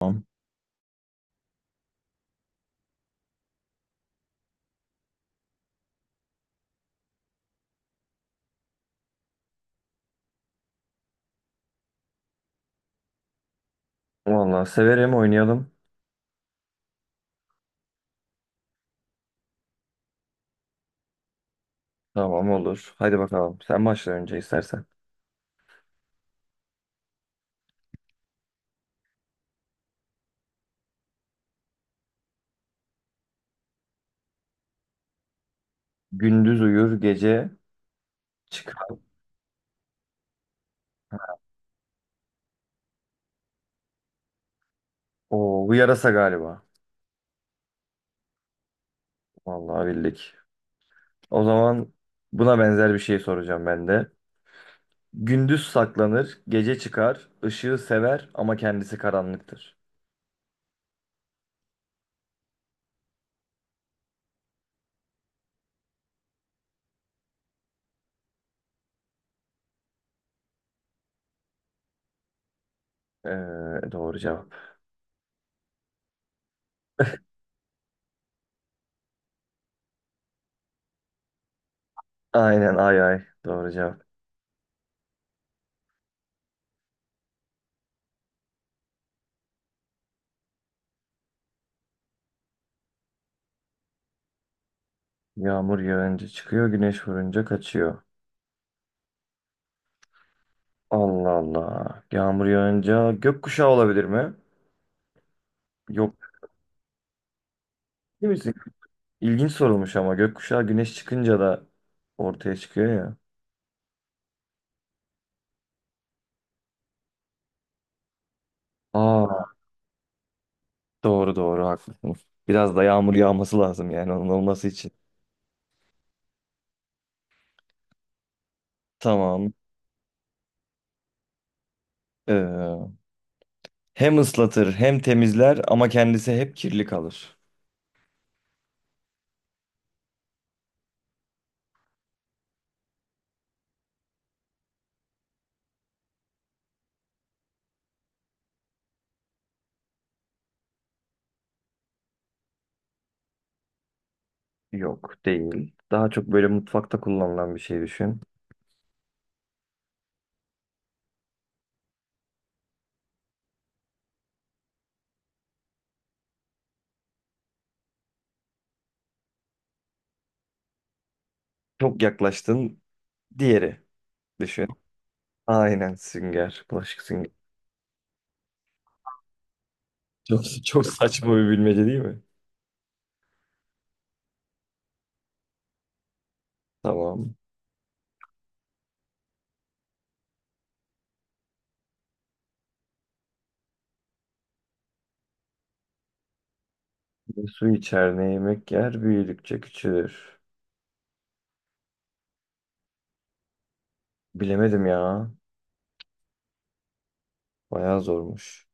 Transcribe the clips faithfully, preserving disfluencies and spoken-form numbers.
Tamam. Vallahi severim, oynayalım. Tamam, olur. Hadi bakalım. Sen başla önce istersen. Gündüz uyur, gece çıkar. Oo, bu yarasa galiba. Vallahi bildik. O zaman buna benzer bir şey soracağım ben de. Gündüz saklanır, gece çıkar, ışığı sever ama kendisi karanlıktır. Ee, doğru cevap. Aynen, ay ay. Doğru cevap. Yağmur yağınca çıkıyor, güneş vurunca kaçıyor. Allah Allah. Yağmur yağınca gökkuşağı olabilir mi? Yok. Değil misin? İlginç sorulmuş ama gökkuşağı güneş çıkınca da ortaya çıkıyor ya. Aa, doğru doğru, haklısın. Biraz da yağmur yağması lazım yani onun olması için. Tamam. Ee, hem ıslatır hem temizler ama kendisi hep kirli kalır. Yok, değil. Daha çok böyle mutfakta kullanılan bir şey düşün. Çok yaklaştın. Diğeri düşün. Aynen, sünger. Bulaşık sünger. Çok, çok saçma bir bilmece değil mi? Tamam. Su içer ne yemek yer, büyüdükçe küçülür. Bilemedim ya. Bayağı zormuş.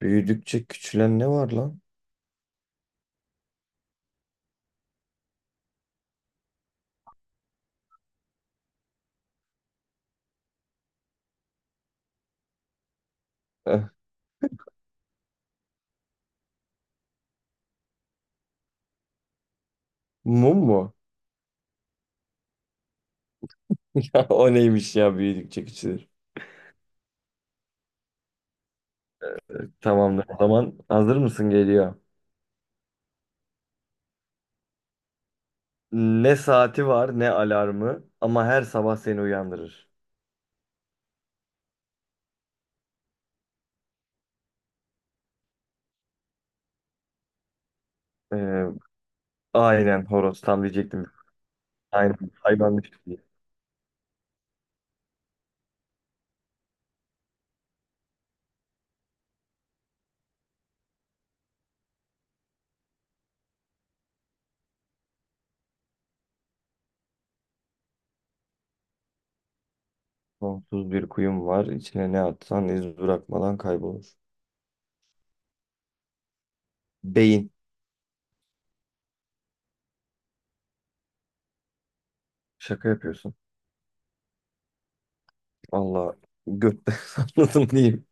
Büyüdükçe küçülen ne var lan? Eh, mum mu? Ya o neymiş ya, büyüdükçe küçülür. Tamamdır. O zaman hazır mısın, geliyor. Ne saati var ne alarmı ama her sabah seni uyandırır. Ee, aynen horoz, tam diyecektim. Aynen, hayvanmış diye. Sonsuz bir kuyum var. İçine ne atsan iz bırakmadan kaybolur. Beyin. Şaka yapıyorsun. Allah, götten salladım diyeyim.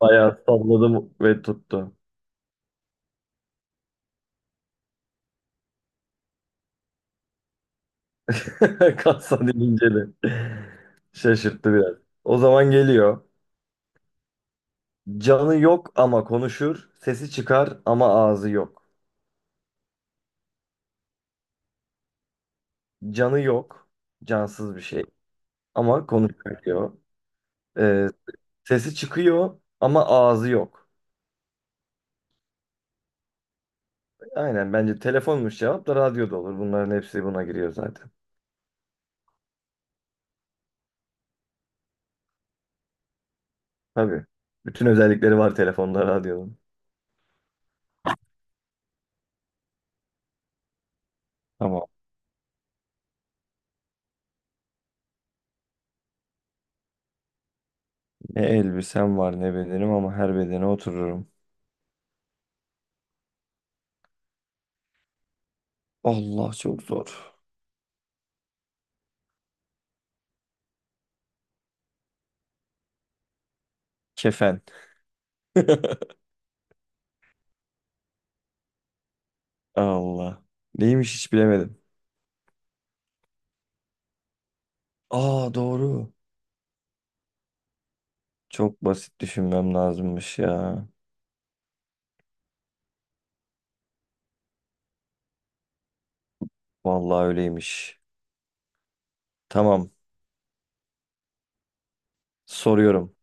Bayağı salladım ve tuttu. Kalsan inceli. Şaşırttı biraz. O zaman geliyor. Canı yok ama konuşur. Sesi çıkar ama ağzı yok. Canı yok. Cansız bir şey. Ama konuşuyor. Ee, sesi çıkıyor ama ağzı yok. Aynen, bence telefonmuş cevap, da radyo da olur. Bunların hepsi buna giriyor zaten. Tabii. Bütün özellikleri var telefonda, radyonun. Tamam. Ne elbisem var ne bedenim ama her bedene otururum. Allah, çok zor. Kefen. Allah. Neymiş, hiç bilemedim. Aa, doğru. Çok basit düşünmem lazımmış ya. Vallahi öyleymiş. Tamam. Soruyorum.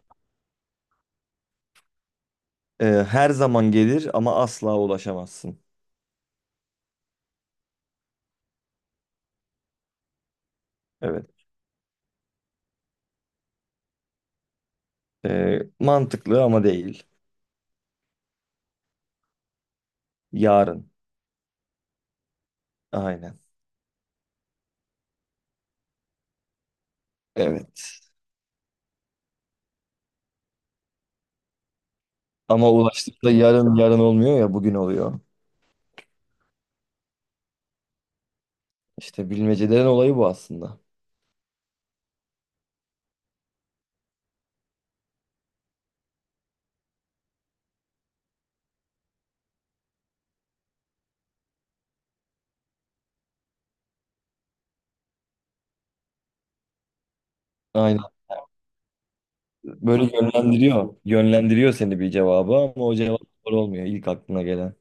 Ee, her zaman gelir ama asla ulaşamazsın. Evet. Ee, mantıklı ama değil. Yarın. Aynen. Evet. Ama ulaştıkta yarın yarın olmuyor ya, bugün oluyor. İşte bilmecelerin olayı bu aslında. Aynen. Böyle yönlendiriyor. Yönlendiriyor seni bir cevaba ama o cevap doğru olmuyor, ilk aklına gelen.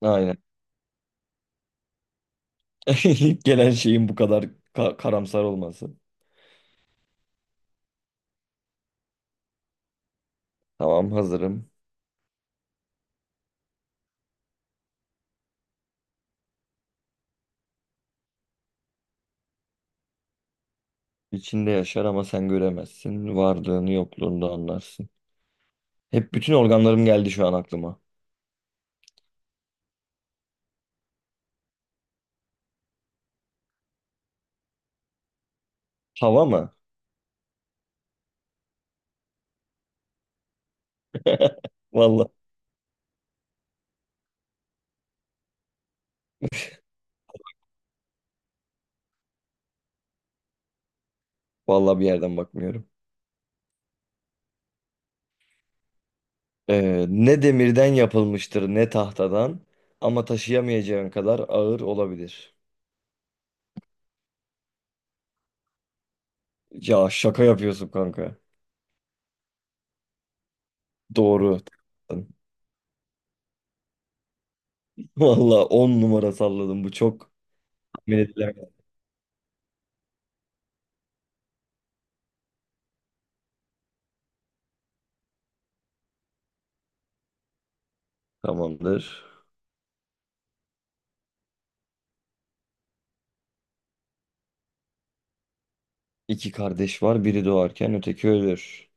Aynen. İlk gelen şeyin bu kadar ka- karamsar olması. Tamam, hazırım. İçinde yaşar ama sen göremezsin. Varlığını yokluğunu anlarsın. Hep bütün organlarım geldi şu an aklıma. Hava mı? Vallahi, vallahi bir yerden bakmıyorum. Ee, ne demirden yapılmıştır ne tahtadan ama taşıyamayacağın kadar ağır olabilir. Ya şaka yapıyorsun kanka. Doğru. Vallahi on numara salladım. Bu çok tahmin edilemez. Tamamdır. İki kardeş var. Biri doğarken öteki ölür.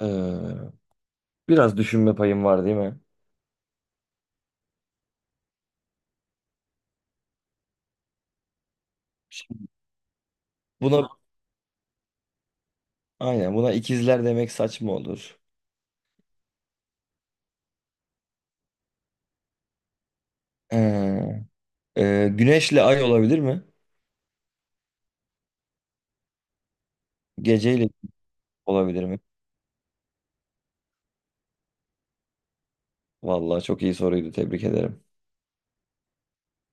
Ee, biraz düşünme payım var değil mi? Şimdi buna aynen, buna ikizler demek saçma olur. Ee, e, güneşle ay olabilir mi? Geceyle olabilir mi? Vallahi çok iyi soruydu. Tebrik ederim.